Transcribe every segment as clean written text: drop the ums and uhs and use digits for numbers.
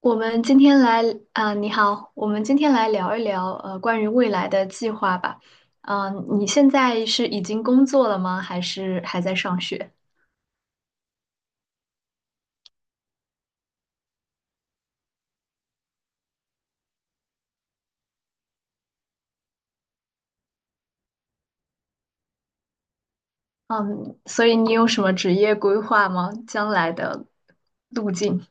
我们今天来啊，你好，我们今天来聊一聊关于未来的计划吧。嗯，你现在是已经工作了吗？还是还在上学？嗯，所以你有什么职业规划吗？将来的路径？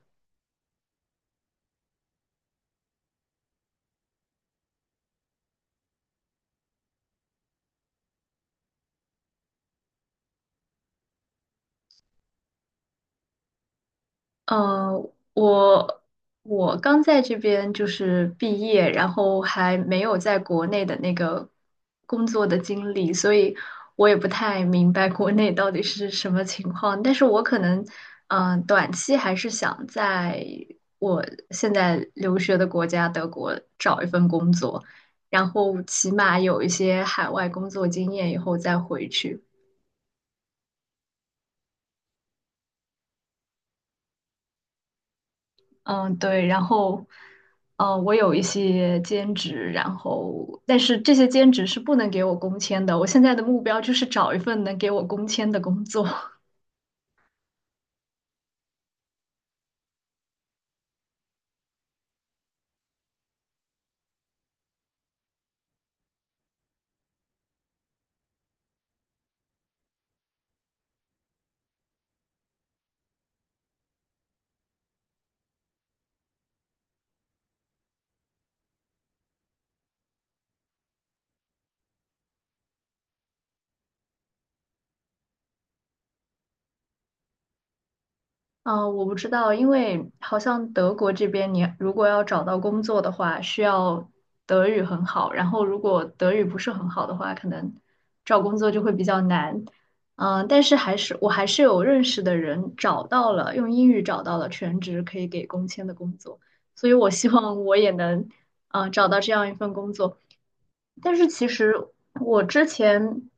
呃，我我刚在这边就是毕业，然后还没有在国内的那个工作的经历，所以我也不太明白国内到底是什么情况。但是我可能，嗯、短期还是想在我现在留学的国家德国找一份工作，然后起码有一些海外工作经验以后再回去。嗯，对，然后，我有一些兼职，然后，但是这些兼职是不能给我工签的。我现在的目标就是找一份能给我工签的工作。嗯，我不知道，因为好像德国这边，你如果要找到工作的话，需要德语很好，然后如果德语不是很好的话，可能找工作就会比较难。嗯，但是还是我还是有认识的人找到了，用英语找到了全职可以给工签的工作，所以我希望我也能，嗯，找到这样一份工作。但是其实我之前，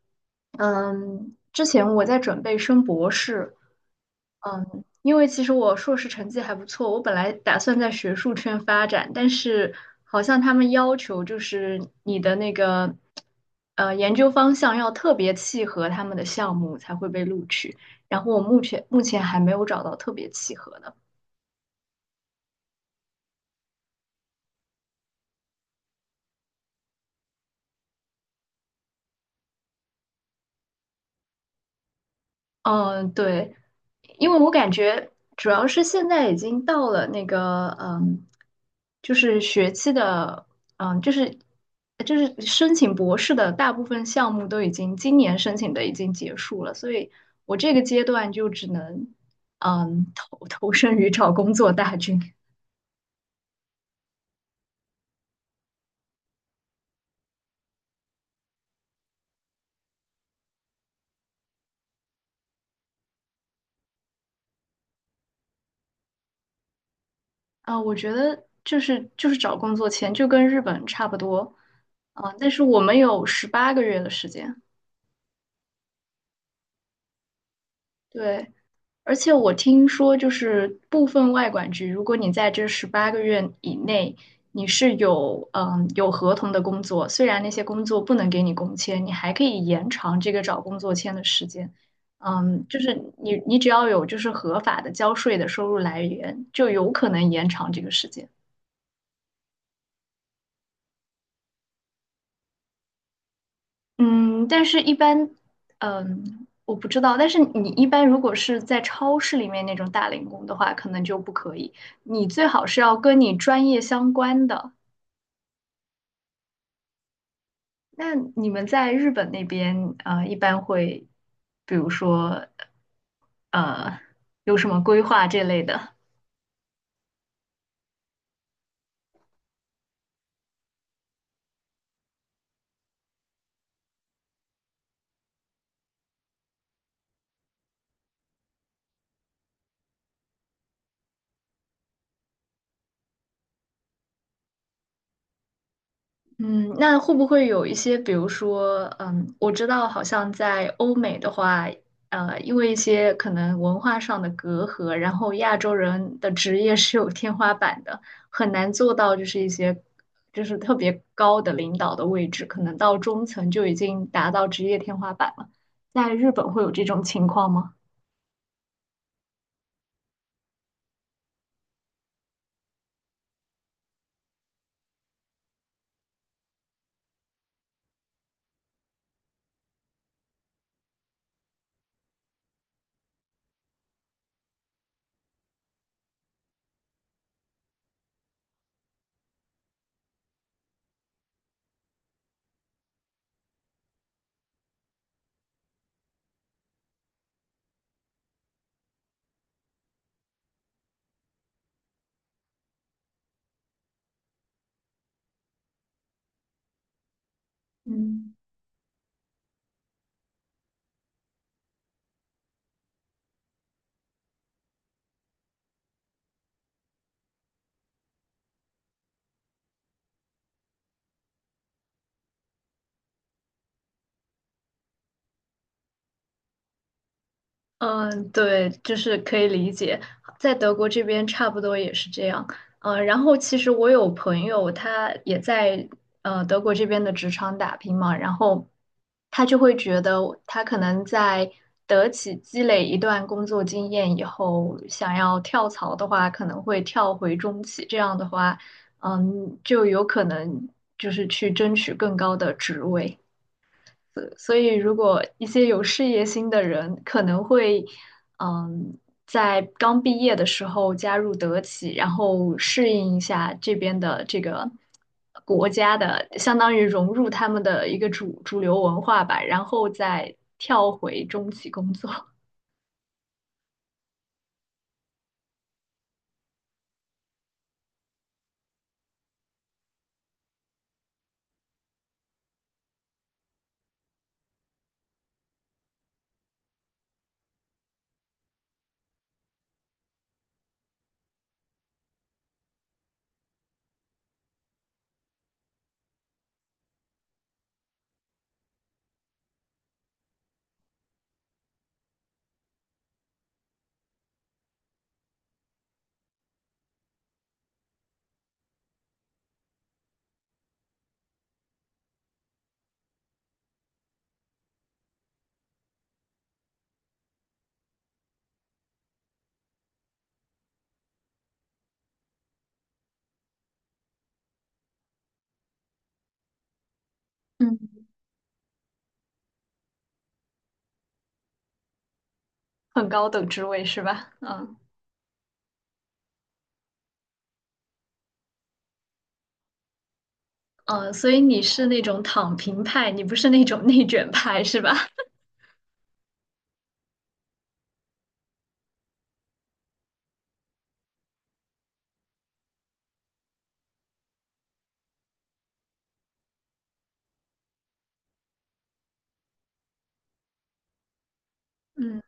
嗯，之前我在准备升博士。嗯。因为其实我硕士成绩还不错，我本来打算在学术圈发展，但是好像他们要求就是你的那个研究方向要特别契合他们的项目才会被录取，然后我目前还没有找到特别契合的。嗯，对，因为我感觉主要是现在已经到了那个，嗯，就是学期的，嗯，就是申请博士的大部分项目都已经今年申请的已经结束了，所以我这个阶段就只能，嗯，投身于找工作大军。啊，我觉得就是找工作前就跟日本差不多，啊，但是我们有十八个月的时间，对。而且我听说，就是部分外管局，如果你在这十八个月以内，你是有有合同的工作，虽然那些工作不能给你工签，你还可以延长这个找工作签的时间。嗯，就是你只要有就是合法的交税的收入来源，就有可能延长这个时间。嗯，但是一般，嗯，我不知道。但是你一般如果是在超市里面那种打零工的话，可能就不可以。你最好是要跟你专业相关的。那你们在日本那边，呃，一般会，比如说，呃，有什么规划这类的？嗯，那会不会有一些，比如说，嗯，我知道好像在欧美的话，因为一些可能文化上的隔阂，然后亚洲人的职业是有天花板的，很难做到就是一些就是特别高的领导的位置，可能到中层就已经达到职业天花板了。在日本会有这种情况吗？嗯。嗯，对，就是可以理解，在德国这边差不多也是这样。呃，然后其实我有朋友，他也在德国这边的职场打拼嘛，然后他就会觉得他可能在德企积累一段工作经验以后，想要跳槽的话，可能会跳回中企，这样的话，嗯，就有可能就是去争取更高的职位。所以，如果一些有事业心的人，可能会，嗯，在刚毕业的时候加入德企，然后适应一下这边的这个国家的，相当于融入他们的一个主流文化吧，然后再跳回中企工作，嗯，很高等职位是吧？嗯嗯，所以你是那种躺平派，你不是那种内卷派是吧？嗯。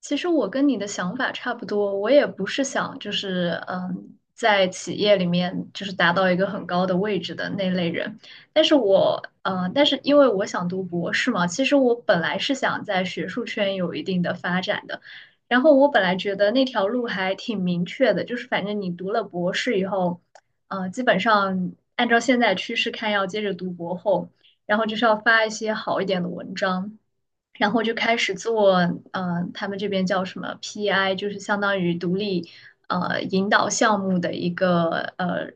其实我跟你的想法差不多，我也不是想就是嗯，在企业里面就是达到一个很高的位置的那类人，但是但是因为我想读博士嘛，其实我本来是想在学术圈有一定的发展的，然后我本来觉得那条路还挺明确的，就是反正你读了博士以后，基本上按照现在趋势看，要接着读博后，然后就是要发一些好一点的文章。然后就开始做，他们这边叫什么 PI，就是相当于独立引导项目的一个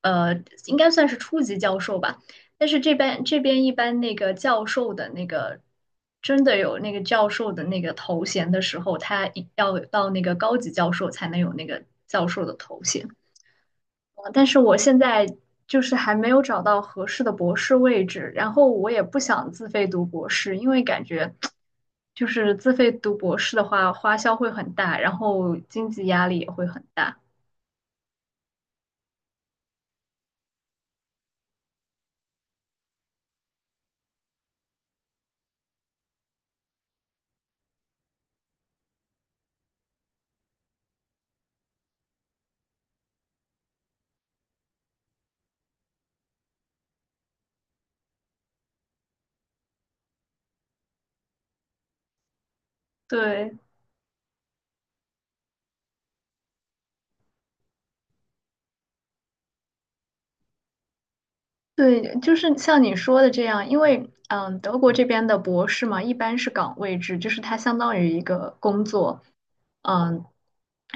呃，应该算是初级教授吧。但是这边一般那个教授的那个真的有那个教授的那个头衔的时候，他一要到那个高级教授才能有那个教授的头衔。但是我现在就是还没有找到合适的博士位置，然后我也不想自费读博士，因为感觉就是自费读博士的话，花销会很大，然后经济压力也会很大。对对，就是像你说的这样，因为嗯，德国这边的博士嘛，一般是岗位制，就是它相当于一个工作，嗯。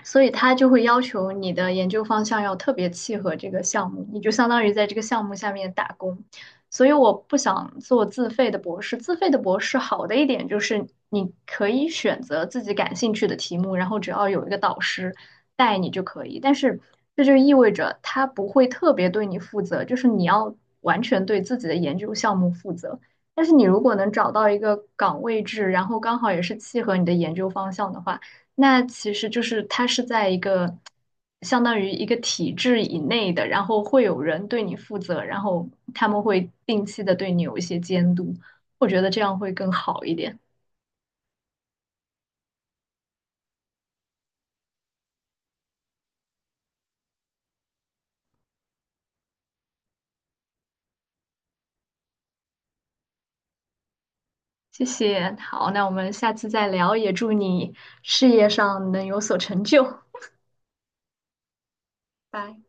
所以它就会要求你的研究方向要特别契合这个项目，你就相当于在这个项目下面打工。所以我不想做自费的博士。自费的博士好的一点就是你可以选择自己感兴趣的题目，然后只要有一个导师带你就可以。但是这就意味着他不会特别对你负责，就是你要完全对自己的研究项目负责。但是你如果能找到一个岗位制，然后刚好也是契合你的研究方向的话，那其实就是它是在一个相当于一个体制以内的，然后会有人对你负责，然后他们会定期的对你有一些监督，我觉得这样会更好一点。谢谢，好，那我们下次再聊，也祝你事业上能有所成就，拜。